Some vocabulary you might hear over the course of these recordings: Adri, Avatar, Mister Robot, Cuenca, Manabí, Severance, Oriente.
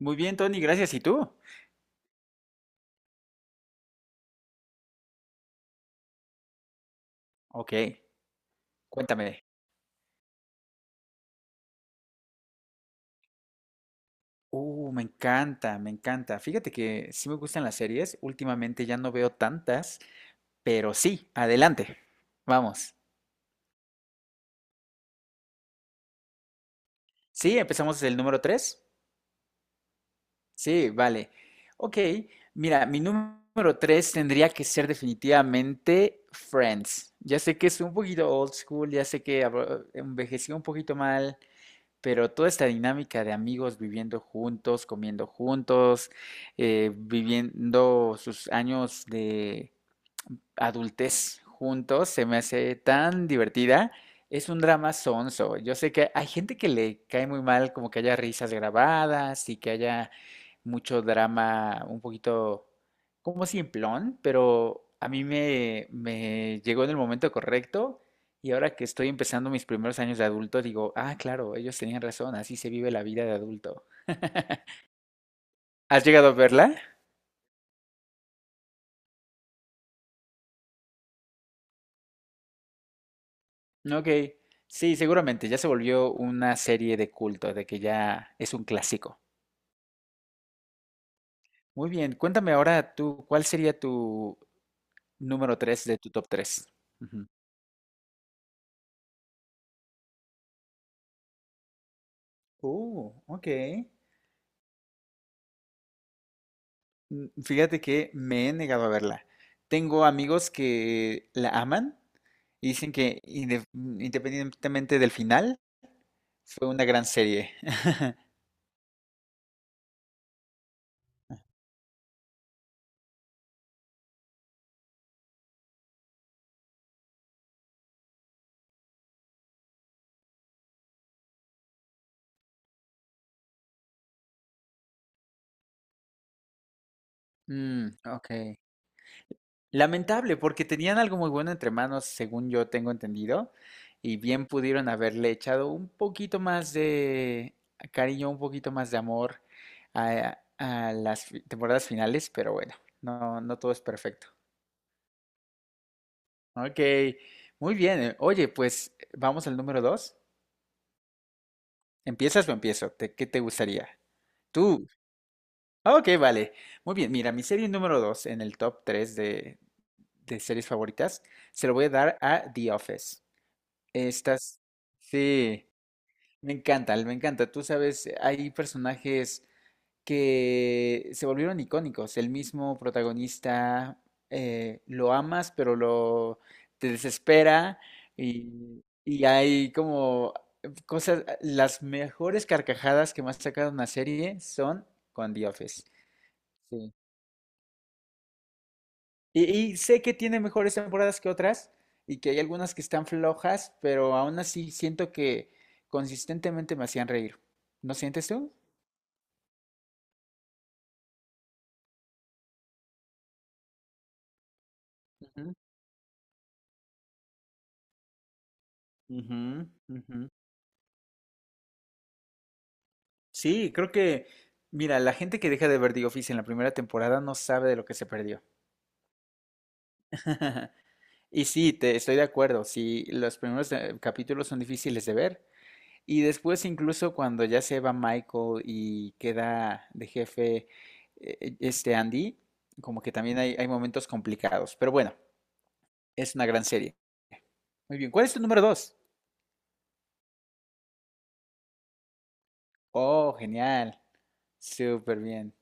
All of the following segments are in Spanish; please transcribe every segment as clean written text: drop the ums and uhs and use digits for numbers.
Muy bien, Tony, gracias. ¿Y tú? Ok, cuéntame. Me encanta, me encanta. Fíjate que sí me gustan las series. Últimamente ya no veo tantas, pero sí, adelante. Vamos. Sí, empezamos desde el número 3. Sí, vale. Ok, mira, mi número 3 tendría que ser definitivamente Friends. Ya sé que es un poquito old school, ya sé que envejeció un poquito mal. Pero toda esta dinámica de amigos viviendo juntos, comiendo juntos, viviendo sus años de adultez juntos se me hace tan divertida. Es un drama sonso. Yo sé que hay gente que le cae muy mal como que haya risas grabadas y que haya mucho drama un poquito como simplón, pero a mí me llegó en el momento correcto y ahora que estoy empezando mis primeros años de adulto digo, ah, claro, ellos tenían razón, así se vive la vida de adulto. ¿Has llegado a verla? Ok, sí, seguramente ya se volvió una serie de culto, de que ya es un clásico. Muy bien, cuéntame ahora tú, ¿cuál sería tu número tres de tu top 3? Oh, ok. Fíjate que me he negado a verla. Tengo amigos que la aman y dicen que independientemente del final, fue una gran serie. Mm, ok. Lamentable, porque tenían algo muy bueno entre manos, según yo tengo entendido, y bien pudieron haberle echado un poquito más de cariño, un poquito más de amor a las temporadas finales, pero bueno, no, no todo es perfecto. Ok, muy bien. Oye, pues vamos al número dos. ¿Empiezas o empiezo? ¿Qué te gustaría? Tú. Ah, ok, vale. Muy bien, mira, mi serie número dos en el top 3 de series favoritas se lo voy a dar a The Office. Estas, sí, me encanta, me encanta. Tú sabes, hay personajes que se volvieron icónicos. El mismo protagonista lo amas, pero lo te desespera y hay como cosas. Las mejores carcajadas que más sacaron una serie son con The Office. Sí. Y sé que tiene mejores temporadas que otras y que hay algunas que están flojas, pero aún así siento que consistentemente me hacían reír. ¿No sientes tú? Ujú, ujú, ujú. Sí, creo que, mira, la gente que deja de ver The Office en la primera temporada no sabe de lo que se perdió. Y sí, te estoy de acuerdo. Sí, los primeros capítulos son difíciles de ver. Y después incluso cuando ya se va Michael y queda de jefe este Andy, como que también hay momentos complicados. Pero bueno, es una gran serie. Muy bien, ¿cuál es tu número dos? Oh, genial. Súper bien.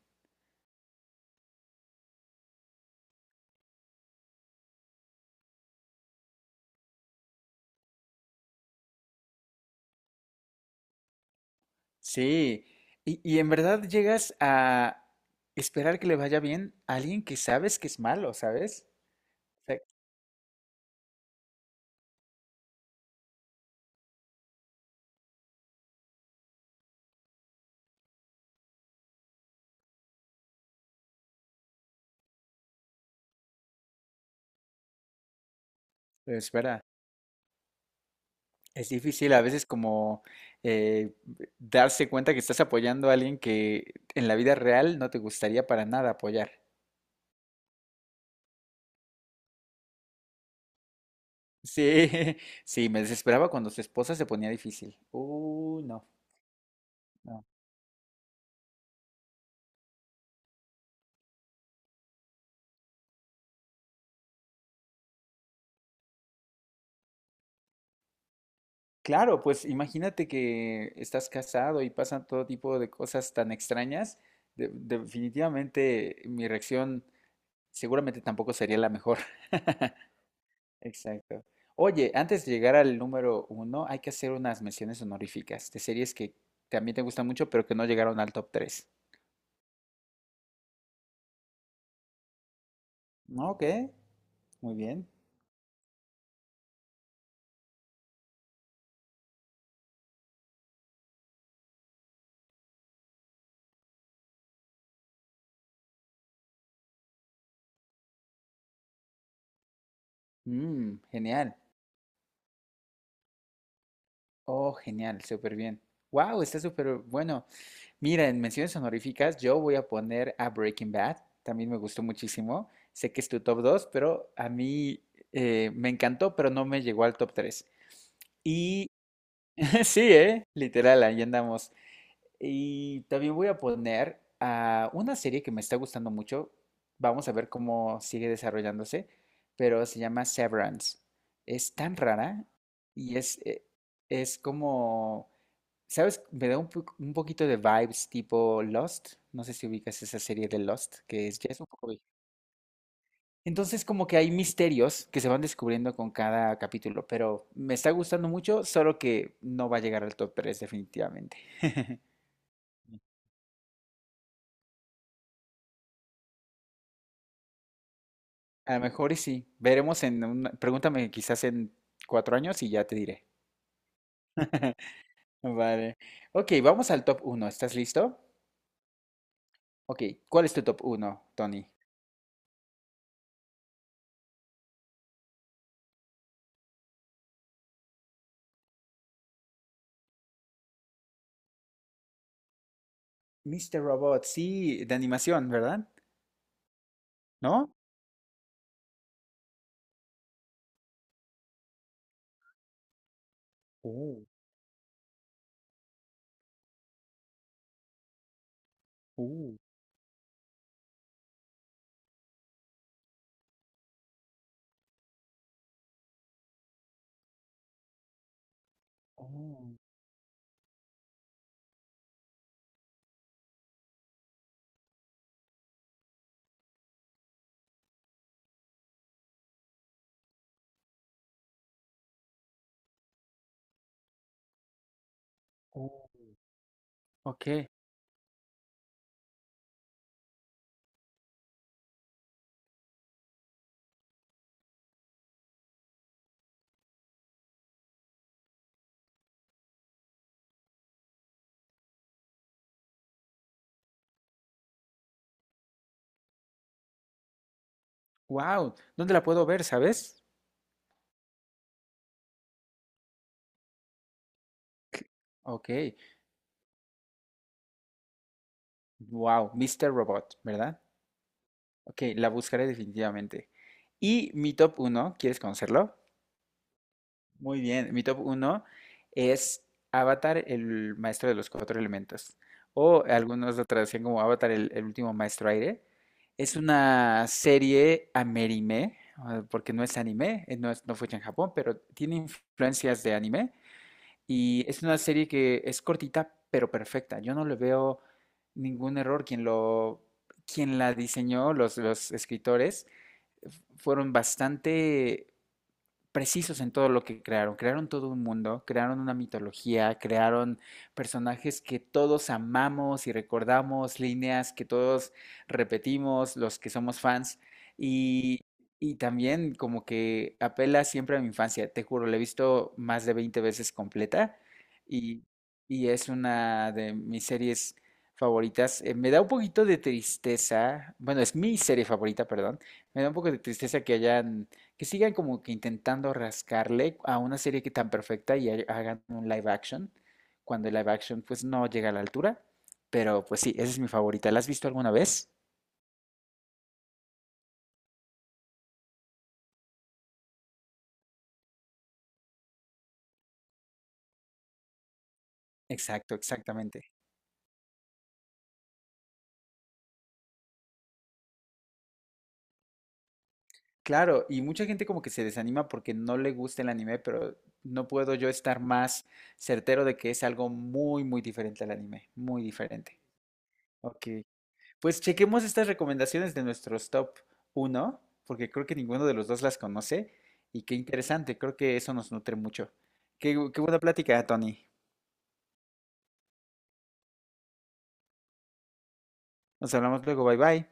Sí. Y en verdad llegas a esperar que le vaya bien a alguien que sabes que es malo, ¿sabes? O sea, lo esperas. Es difícil a veces como eh, darse cuenta que estás apoyando a alguien que en la vida real no te gustaría para nada apoyar. Sí, sí, me desesperaba cuando su esposa se ponía difícil. No, no. Claro, pues imagínate que estás casado y pasan todo tipo de cosas tan extrañas. Definitivamente mi reacción seguramente tampoco sería la mejor. Exacto. Oye, antes de llegar al número uno, hay que hacer unas menciones honoríficas de series que también te gustan mucho, pero que no llegaron al top 3. Ok, muy bien. Mm, genial. Oh, genial, súper bien. Wow, está súper bueno. Mira, en menciones honoríficas yo voy a poner a Breaking Bad. También me gustó muchísimo. Sé que es tu top 2, pero a mí me encantó, pero no me llegó al top 3. Y sí, ¿eh? Literal, ahí andamos. Y también voy a poner a una serie que me está gustando mucho. Vamos a ver cómo sigue desarrollándose, pero se llama Severance. Es tan rara y es como, ¿sabes? Me da un poquito de vibes tipo Lost. No sé si ubicas esa serie de Lost, que es, ya es un poco vieja. Entonces como que hay misterios que se van descubriendo con cada capítulo, pero me está gustando mucho, solo que no va a llegar al top 3 definitivamente. A lo mejor y sí. Veremos. Pregúntame quizás en 4 años y ya te diré. Vale. Ok, vamos al top uno. ¿Estás listo? Ok, ¿cuál es tu top uno, Tony? Mister Robot, sí, de animación, ¿verdad? ¿No? Oh, oh, oh, oh. Ok, wow. ¿Dónde la puedo ver, sabes? Ok, wow, Mister Robot, ¿verdad? Ok, la buscaré definitivamente. Y mi top uno, ¿quieres conocerlo? Muy bien, mi top 1 es Avatar, el maestro de los cuatro elementos. O algunos lo traducían como Avatar, el último maestro aire. Es una serie amerime, ah, porque no es anime, no, no fue hecha en Japón, pero tiene influencias de anime. Y es una serie que es cortita, pero perfecta. Yo no le veo ningún error. Quien la diseñó, los escritores, fueron bastante precisos en todo lo que crearon. Crearon todo un mundo, crearon una mitología, crearon personajes que todos amamos y recordamos, líneas que todos repetimos, los que somos fans. Y, y también como que apela siempre a mi infancia. Te juro, la he visto más de 20 veces completa y, y es una de mis series favoritas. Me da un poquito de tristeza, bueno, es mi serie favorita, perdón. Me da un poco de tristeza que sigan como que intentando rascarle a una serie que tan perfecta y hagan un live action, cuando el live action pues no llega a la altura. Pero pues sí, esa es mi favorita. ¿La has visto alguna vez? Exacto, exactamente. Claro, y mucha gente como que se desanima porque no le gusta el anime, pero no puedo yo estar más certero de que es algo muy, muy diferente al anime, muy diferente. Ok. Pues chequemos estas recomendaciones de nuestros top uno, porque creo que ninguno de los dos las conoce y qué interesante, creo que eso nos nutre mucho. Qué buena plática, Tony. Nos hablamos luego, bye bye.